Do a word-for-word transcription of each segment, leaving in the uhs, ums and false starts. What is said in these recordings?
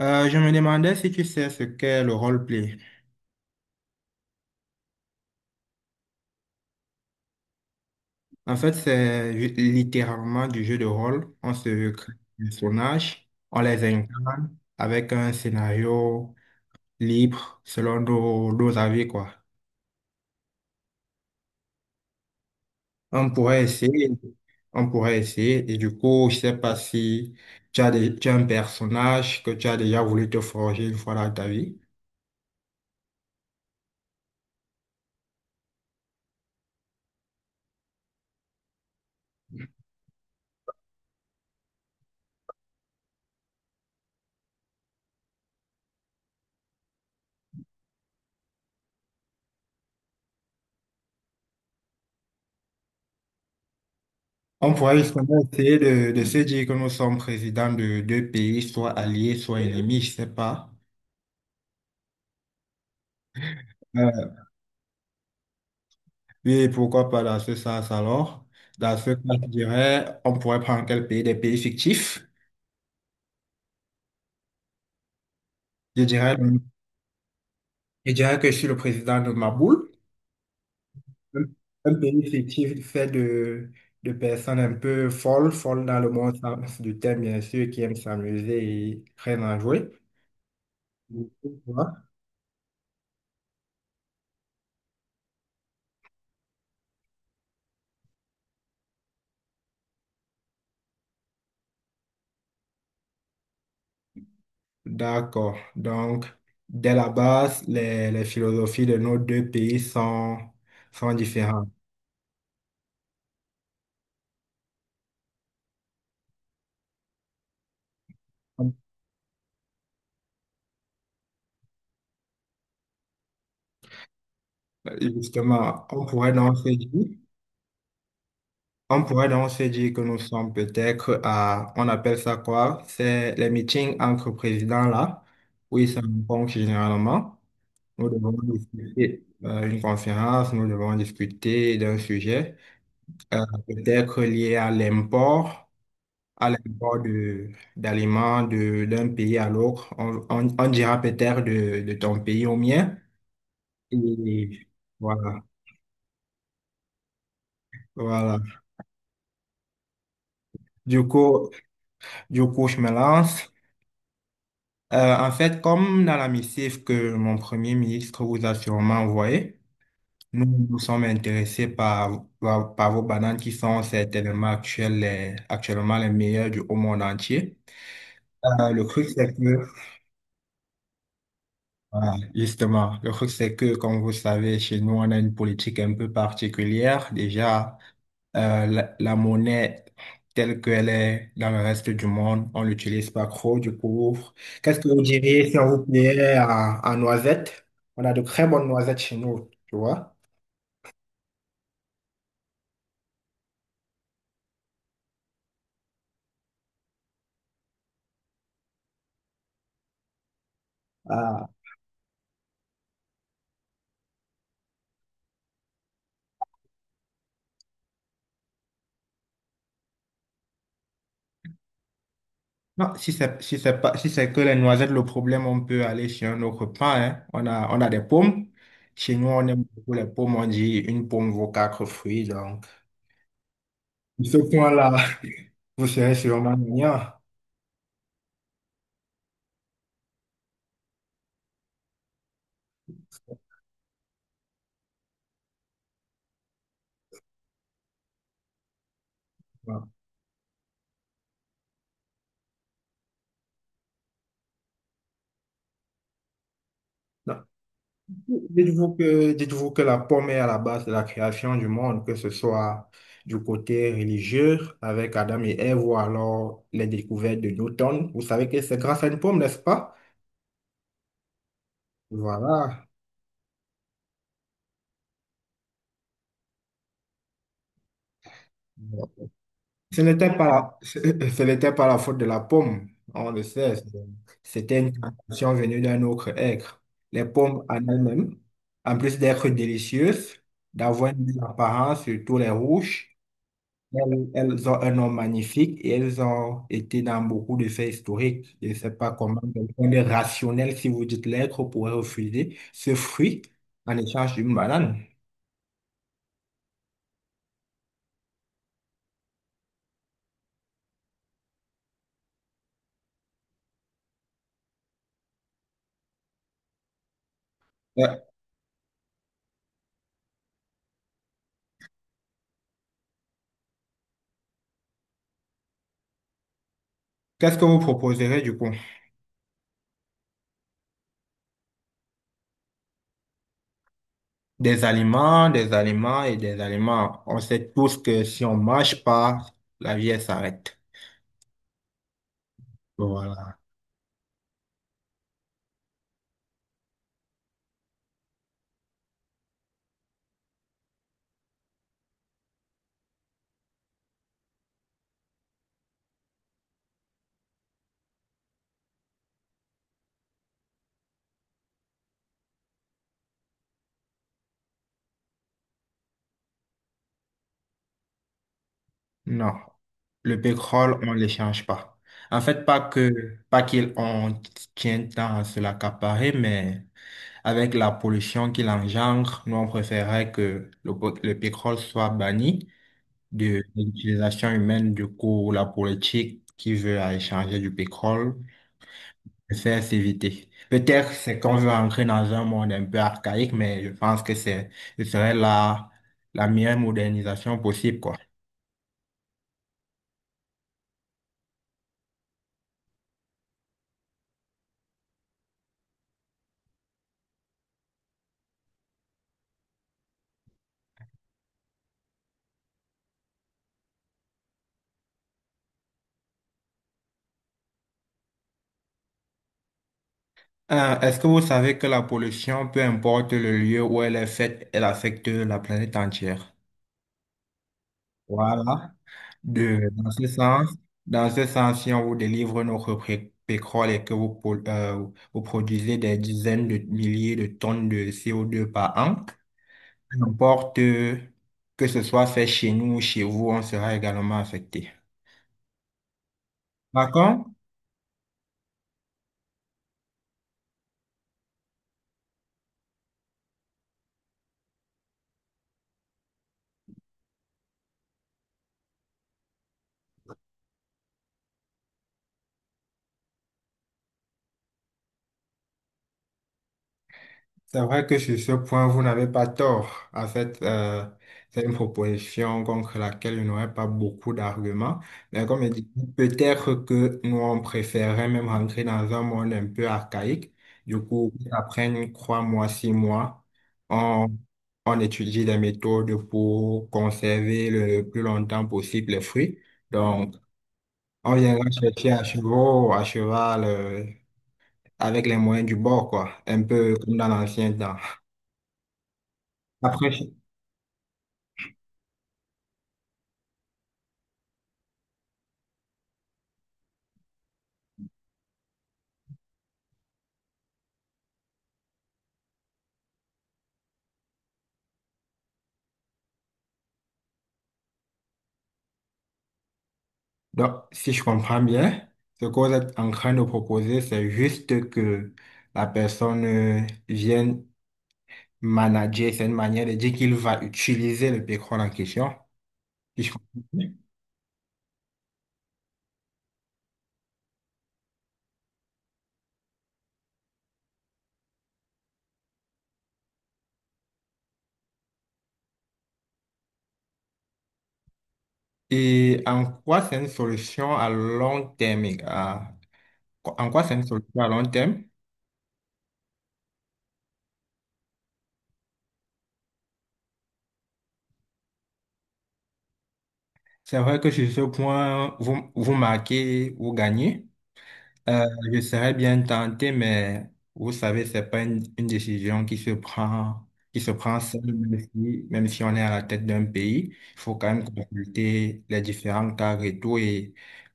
Euh, je me demandais si tu sais ce qu'est le roleplay. En fait, c'est ju- littéralement du jeu de rôle. On se crée des personnages, on les incarne avec un scénario libre selon nos, nos avis, quoi. On pourrait essayer, on pourrait essayer. Et du coup, je sais pas si tu as, des- tu as un personnage que tu as déjà voulu te forger une fois dans ta vie. On pourrait justement essayer de, de se dire que nous sommes présidents de deux pays, soit alliés, soit ennemis, je sais pas. Euh, Oui, pourquoi pas dans ce sens alors? Dans ce cas, je dirais, on pourrait prendre quel pays? Des pays fictifs. Je dirais, je dirais que je suis le président de ma boule. Un un pays fictif fait de, de personnes un peu folles, folles dans le bon sens du terme, bien sûr, qui aiment s'amuser et très enjouées. Voilà. D'accord. Donc, dès la base, les, les philosophies de nos deux pays sont, sont différentes. Justement, on pourrait donc se dire on pourrait donc se dire que nous sommes peut-être à, on appelle ça quoi? C'est les meetings entre présidents là, où ils se rencontrent généralement. Nous devons discuter euh, une conférence, nous devons discuter d'un sujet, euh, peut-être lié à l'import, à l'import de, d'aliments de, d'un pays à l'autre. On, on, on dira peut-être de, de ton pays au mien. Et voilà, voilà. Du coup, du coup, je me lance. Euh, en fait, comme dans la missive que mon premier ministre vous a sûrement envoyée, nous nous sommes intéressés par, par, par vos bananes qui sont certainement actuelles, les- actuellement les meilleures du au monde entier. Euh, le truc, c'est que voilà, justement, le truc, c'est que, comme vous savez, chez nous, on a une politique un peu particulière. Déjà, euh, la, la monnaie telle qu'elle est dans le reste du monde, on l'utilise pas trop, du coup. Qu'est-ce que vous diriez si on vous payait en, en noisettes? On a de très bonnes noisettes chez nous, tu vois. Ah. Non, si c'est, si c'est pas, si c'est que les noisettes, le problème, on peut aller chez un autre pain, hein. On a, on a des pommes. Chez nous, on aime beaucoup les pommes. On dit une pomme vaut quatre fruits, donc. Ce point-là, vous serez sûrement gagnant. Voilà. Non. Dites-vous que, dites-vous que la pomme est à la base de la création du monde, que ce soit du côté religieux avec Adam et Ève ou alors les découvertes de Newton. Vous savez que c'est grâce à une pomme, n'est-ce pas? Voilà. Ce n'était pas ce ce n'était pas la faute de la pomme, on le sait. c'est- C'était une plantation venue d'un autre être. Les pommes en elles-mêmes, en plus d'être délicieuses, d'avoir une belle apparence, surtout les rouges, elles, elles ont un nom magnifique et elles ont été dans beaucoup de faits historiques. Je ne sais pas comment quelqu'un de rationnel, si vous dites l'être, pourrait refuser ce fruit en échange d'une banane. Euh, Qu'est-ce que vous proposerez du coup? Des aliments, des aliments et des aliments. On sait tous que si on mange pas, la vie elle s'arrête. Voilà. Non. Le pétrole, on ne l'échange pas. En fait, pas que, pas qu'il on tient tant à se l'accaparer, mais avec la pollution qu'il engendre, nous, on préférait que le, po- le pétrole soit banni de l'utilisation humaine. Du coup, la politique qui veut à échanger du pétrole c'est à s'éviter. Peut-être c'est qu'on veut entrer dans un monde un peu archaïque, mais je pense que c'est, ce serait la, la meilleure modernisation possible, quoi. Euh, est-ce que vous savez que la pollution, peu importe le lieu où elle est faite, elle affecte la planète entière? Voilà. De, dans ce sens, dans ce sens, si on vous délivre notre pré- pétrole et que vous, pol- euh, vous produisez des dizaines de milliers de tonnes de C O deux par an, n'importe euh, que ce soit fait chez nous ou chez vous, on sera également affecté. Par contre, c'est vrai que sur ce point, vous n'avez pas tort. En fait, euh, c'est une proposition contre laquelle je n'aurais pas beaucoup d'arguments. Mais comme je dis, peut-être que nous, on préférerait même rentrer dans un monde un peu archaïque. Du coup, après trois mois, six mois, on, on étudie des méthodes pour conserver le plus longtemps possible les fruits. Donc, on viendra chercher à chevaux, à cheval, euh, avec les moyens du bord, quoi. Un peu comme dans l'ancien temps. Après, je- donc, si je comprends bien, ce que vous êtes en train de proposer, c'est juste que la personne euh, vienne manager, c'est une manière de dire qu'il va utiliser le pétrole en question. Si je comprends bien. Et en quoi c'est une solution à long terme? Les gars, en quoi c'est une solution à long terme? C'est vrai que sur ce point, vous, vous marquez, vous gagnez. Euh, je serais bien tenté, mais vous savez, c'est pas une, une décision qui se prend, qui se prend seule, même si, même si on est à la tête d'un pays. Il faut quand même consulter les différents cas et tout. Et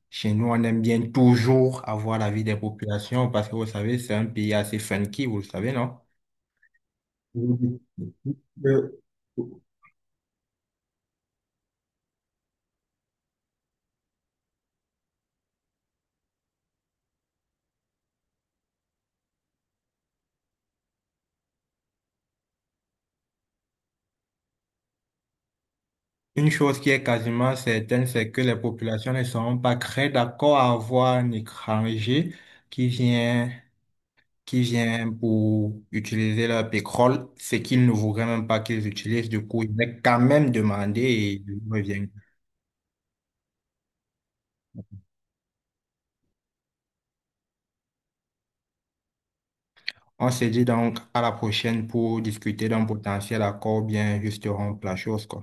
chez nous, on aime bien toujours avoir l'avis des populations parce que vous savez, c'est un pays assez funky, vous le savez, non? Oui. Euh, Une chose qui est quasiment certaine, c'est que les populations ne seront pas très d'accord à avoir un étranger qui vient qui vient pour utiliser leur pétrole, c'est qu'ils ne voudraient même pas qu'ils utilisent. Du coup, ils vais quand même demander et ils reviennent. On se dit donc à la prochaine pour discuter d'un potentiel accord, bien juste rompre la chose, quoi.